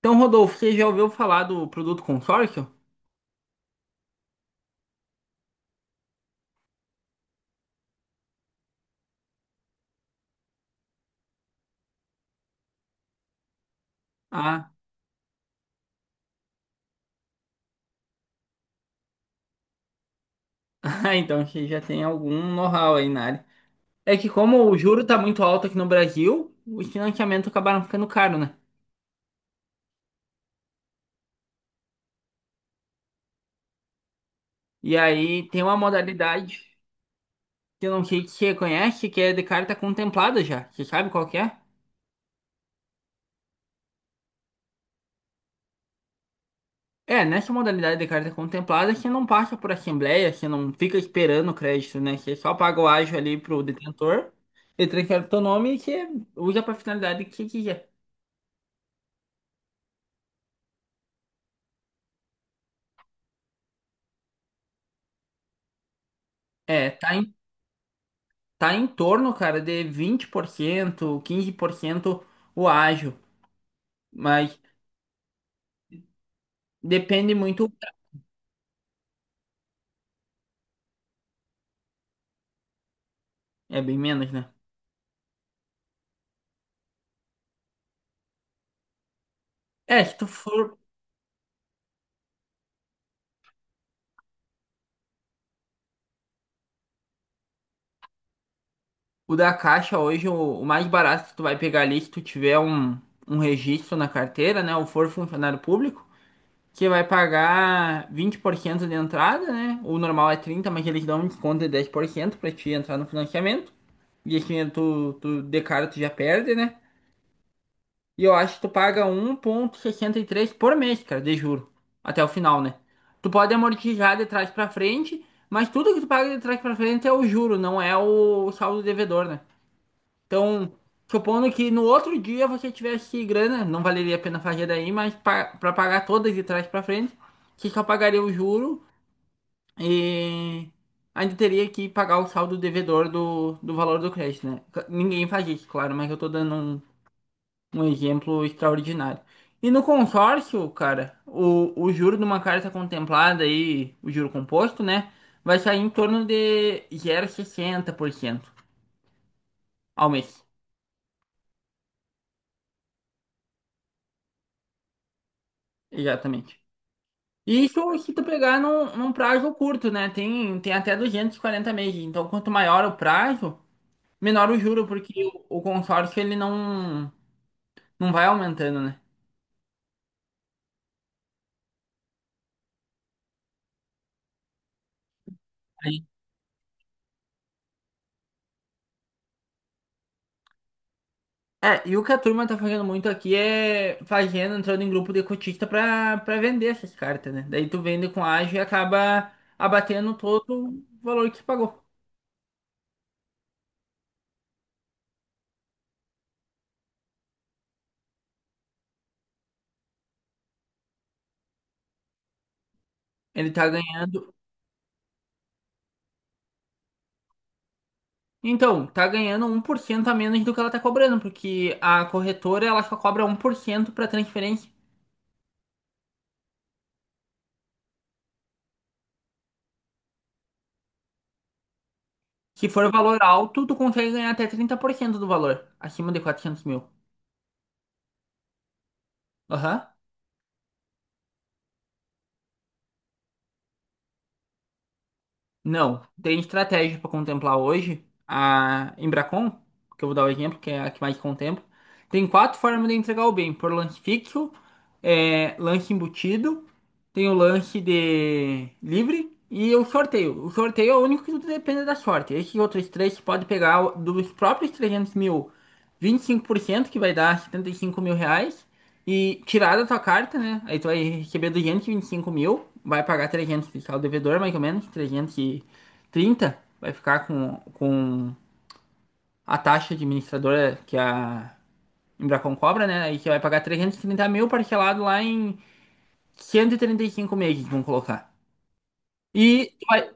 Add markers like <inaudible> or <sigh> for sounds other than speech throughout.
Então, Rodolfo, você já ouviu falar do produto consórcio? Ah, <laughs> ah, então você já tem algum know-how aí na área. É que como o juro tá muito alto aqui no Brasil, os financiamentos acabaram ficando caros, né? E aí tem uma modalidade que eu não sei se você conhece, que é de carta contemplada já. Você sabe qual que é? É, nessa modalidade de carta contemplada, você não passa por assembleia, você não fica esperando o crédito, né? Você só paga o ágio ali pro detentor, ele transfere o teu nome e você usa pra finalidade que você quiser. É, tá em torno, cara, de 20%, 15% o ágil, mas depende muito, é bem menos, né? É, se tu for o da caixa hoje, o mais barato que tu vai pegar ali, se tu tiver um, um registro na carteira, né, ou for funcionário público, que vai pagar 20% de entrada, né? O normal é 30%, mas eles dão um desconto de 10% pra te entrar no financiamento. E assim, tu de cara tu já perde, né? E eu acho que tu paga 1,63 por mês, cara, de juro. Até o final, né? Tu pode amortizar de trás pra frente, mas tudo que tu paga de trás pra frente é o juro, não é o saldo devedor, né? Então, supondo que no outro dia você tivesse grana, não valeria a pena fazer daí, mas pra pagar todas de trás pra frente, você só pagaria o juro e ainda teria que pagar o saldo devedor do, do valor do crédito, né? Ninguém faz isso, claro, mas eu tô dando um exemplo extraordinário. E no consórcio, cara, o juro de uma carta contemplada aí, o juro composto, né? Vai sair em torno de 0,60% ao mês. Exatamente. E isso se tu pegar num, num prazo curto, né? Tem até 240 meses. Então, quanto maior o prazo, menor o juro, porque o consórcio ele não vai aumentando, né? É, e o que a turma tá fazendo muito aqui é fazendo, entrando em grupo de cotista pra vender essas cartas, né? Daí tu vende com ágio e acaba abatendo todo o valor que tu pagou. Ele tá ganhando. Então, tá ganhando 1% a menos do que ela tá cobrando, porque a corretora ela só cobra 1% pra transferência. Se for valor alto, tu consegue ganhar até 30% do valor, acima de 400 mil. Aham. Não, tem estratégia para contemplar hoje. A Embracon, que eu vou dar o exemplo, que é a que mais contempla, tem quatro formas de entregar o bem: por lance fixo, é, lance embutido. Tem o lanche de livre e o sorteio. O sorteio é o único que tudo depende da sorte. Esses outros três você pode dos próprios 300 mil, 25%, que vai dar 75 mil reais, e tirar da tua carta, né? Aí tu vai receber 225 mil, vai pagar 300 de saldo devedor, mais ou menos, 330, vai ficar com a taxa administradora que a Embracon cobra, né? Aí você vai pagar 330 mil parcelado lá em 135 meses, vamos colocar. E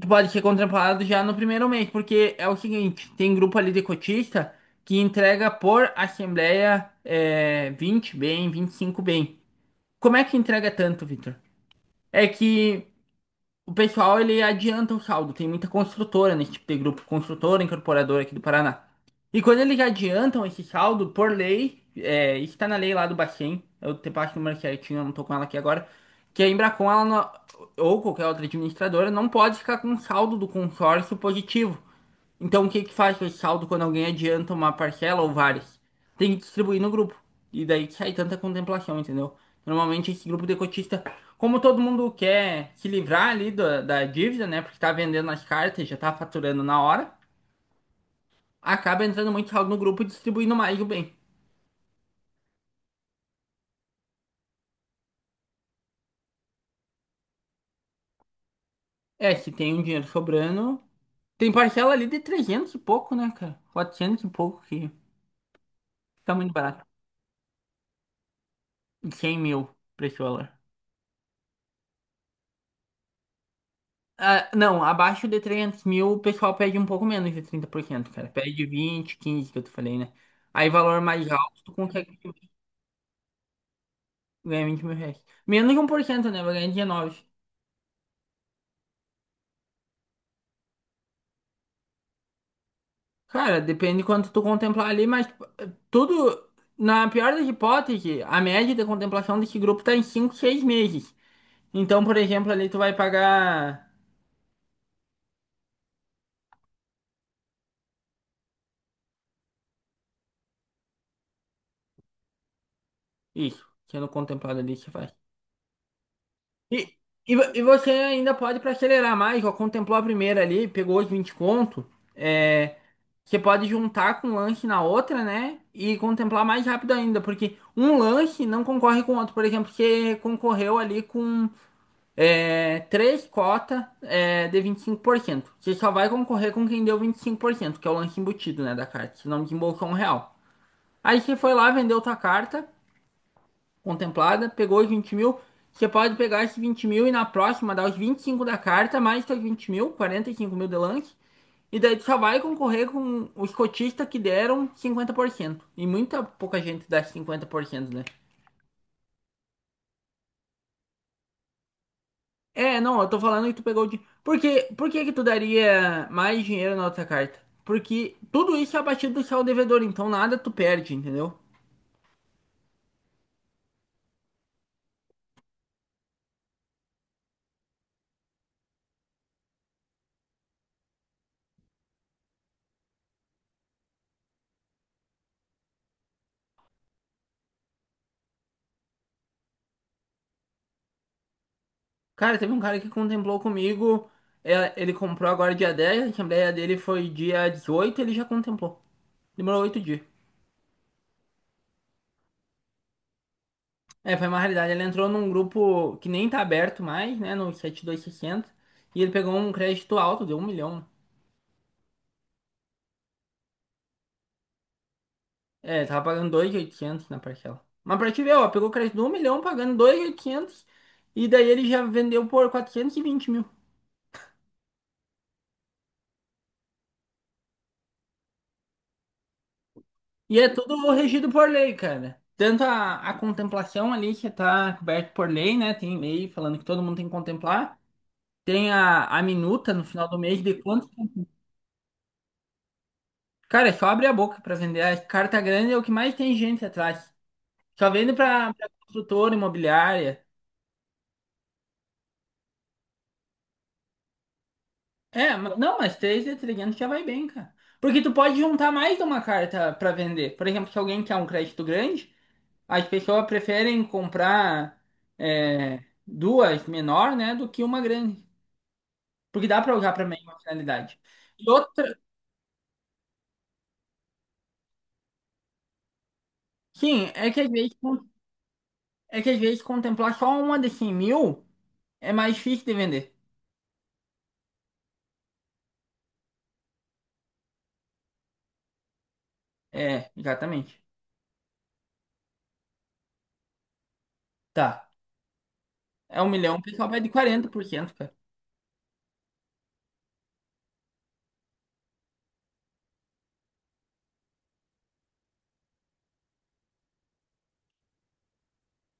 tu pode ser contemplado já no primeiro mês, porque é o seguinte, tem grupo ali de cotista que entrega por assembleia é, 20 bem, 25 bem. Como é que entrega tanto, Vitor? É que o pessoal, ele adianta o saldo. Tem muita construtora nesse tipo de grupo, construtora, incorporadora aqui do Paraná. E quando eles adiantam esse saldo, por lei, é, isso tá na lei lá do Bacen, eu te passo o número certinho, eu não tô com ela aqui agora, que a Embracon, ela não- ou qualquer outra administradora, não pode ficar com um saldo do consórcio positivo. Então, o que que faz com esse saldo quando alguém adianta uma parcela ou várias? Tem que distribuir no grupo. E daí que sai tanta contemplação, entendeu? Normalmente, esse grupo de cotista, como todo mundo quer se livrar ali da, da dívida, né? Porque tá vendendo as cartas, já tá faturando na hora, acaba entrando muito saldo no grupo e distribuindo mais o bem. É, se tem um dinheiro sobrando. Tem parcela ali de 300 e pouco, né, cara? Quatrocentos e pouco, que tá muito barato. Cem mil pra esse valor. Ah, não, abaixo de 300 mil o pessoal pede um pouco menos de 30%, cara. Pede 20, 15 que eu te falei, né? Aí valor mais alto, tu consegue ganhar 20 mil reais. Menos de 1%, né? Vai ganhar 19. Cara, depende de quanto tu contemplar ali, mas eh, tudo, na pior das hipóteses, a média de contemplação desse grupo tá em 5, 6 meses. Então, por exemplo, ali tu vai pagar isso, sendo contemplado ali, você faz. E, e, e você ainda pode para acelerar mais, ó, contemplou a primeira ali, pegou os 20 conto, é, você pode juntar com um lanche na outra, né? E contemplar mais rápido ainda, porque um lanche não concorre com o outro. Por exemplo, você concorreu ali com é, três cotas é, de 25%, você só vai concorrer com quem deu 25%, que é o lanche embutido, né, da carta, senão desembolsou um real. Aí você foi lá, vendeu tua carta, contemplada, pegou os 20 mil. Você pode pegar esses 20 mil e na próxima dar os 25 da carta, mais seus 20 mil, 45 mil de lance. E daí tu só vai concorrer com os cotistas que deram 50%. E muita pouca gente dá 50%, né? É, não, eu tô falando que tu pegou de. Por que que tu daria mais dinheiro na outra carta? Porque tudo isso é abatido do saldo devedor, então nada tu perde, entendeu? Cara, teve um cara que contemplou comigo. É, ele comprou agora dia 10. A assembleia dele foi dia 18. Ele já contemplou. Demorou 8 dias. É, foi uma realidade. Ele entrou num grupo que nem tá aberto mais, né? No 7260. E sessenta. E ele pegou um crédito alto, deu 1 milhão. É, ele tava pagando 2.800 na parcela. Mas pra te ver, ó, pegou crédito de 1 milhão, pagando 2.800. E oitocentos. E daí ele já vendeu por 420 mil. E é tudo regido por lei, cara. Tanto a contemplação ali, que tá coberto por lei, né? Tem lei falando que todo mundo tem que contemplar. Tem a minuta no final do mês de quanto. Cara, é só abre a boca pra vender. A carta grande é o que mais tem gente atrás. Só vende pra construtora imobiliária. É, não, mas três de 300 já vai bem, cara. Porque tu pode juntar mais de uma carta pra vender. Por exemplo, se alguém quer um crédito grande. As pessoas preferem comprar é, duas menor, né, do que uma grande, porque dá para usar para a mesma finalidade. E outra, sim, é que às vezes con- é que às vezes contemplar só uma de 100 mil é mais difícil de vender. É, exatamente. Tá. É 1 milhão, o pessoal vai de 40% cara.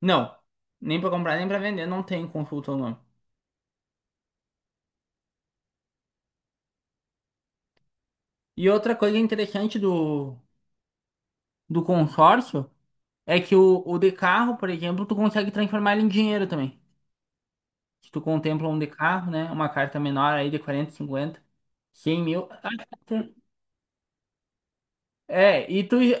Não, nem para comprar nem para vender, não tem consulta ou não. E outra coisa interessante do, do consórcio é que o de carro, por exemplo, tu consegue transformar ele em dinheiro também. Se tu contempla um de carro, né? Uma carta menor aí de 40, 50, 100 mil. É, e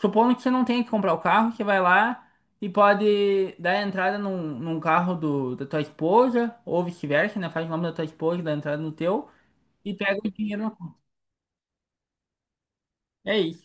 supondo que você não tem que comprar o carro, você vai lá e pode dar entrada num, num carro do, da tua esposa, ou vice-versa, né? Faz o nome da tua esposa, dá entrada no teu, e pega o dinheiro na conta. É isso.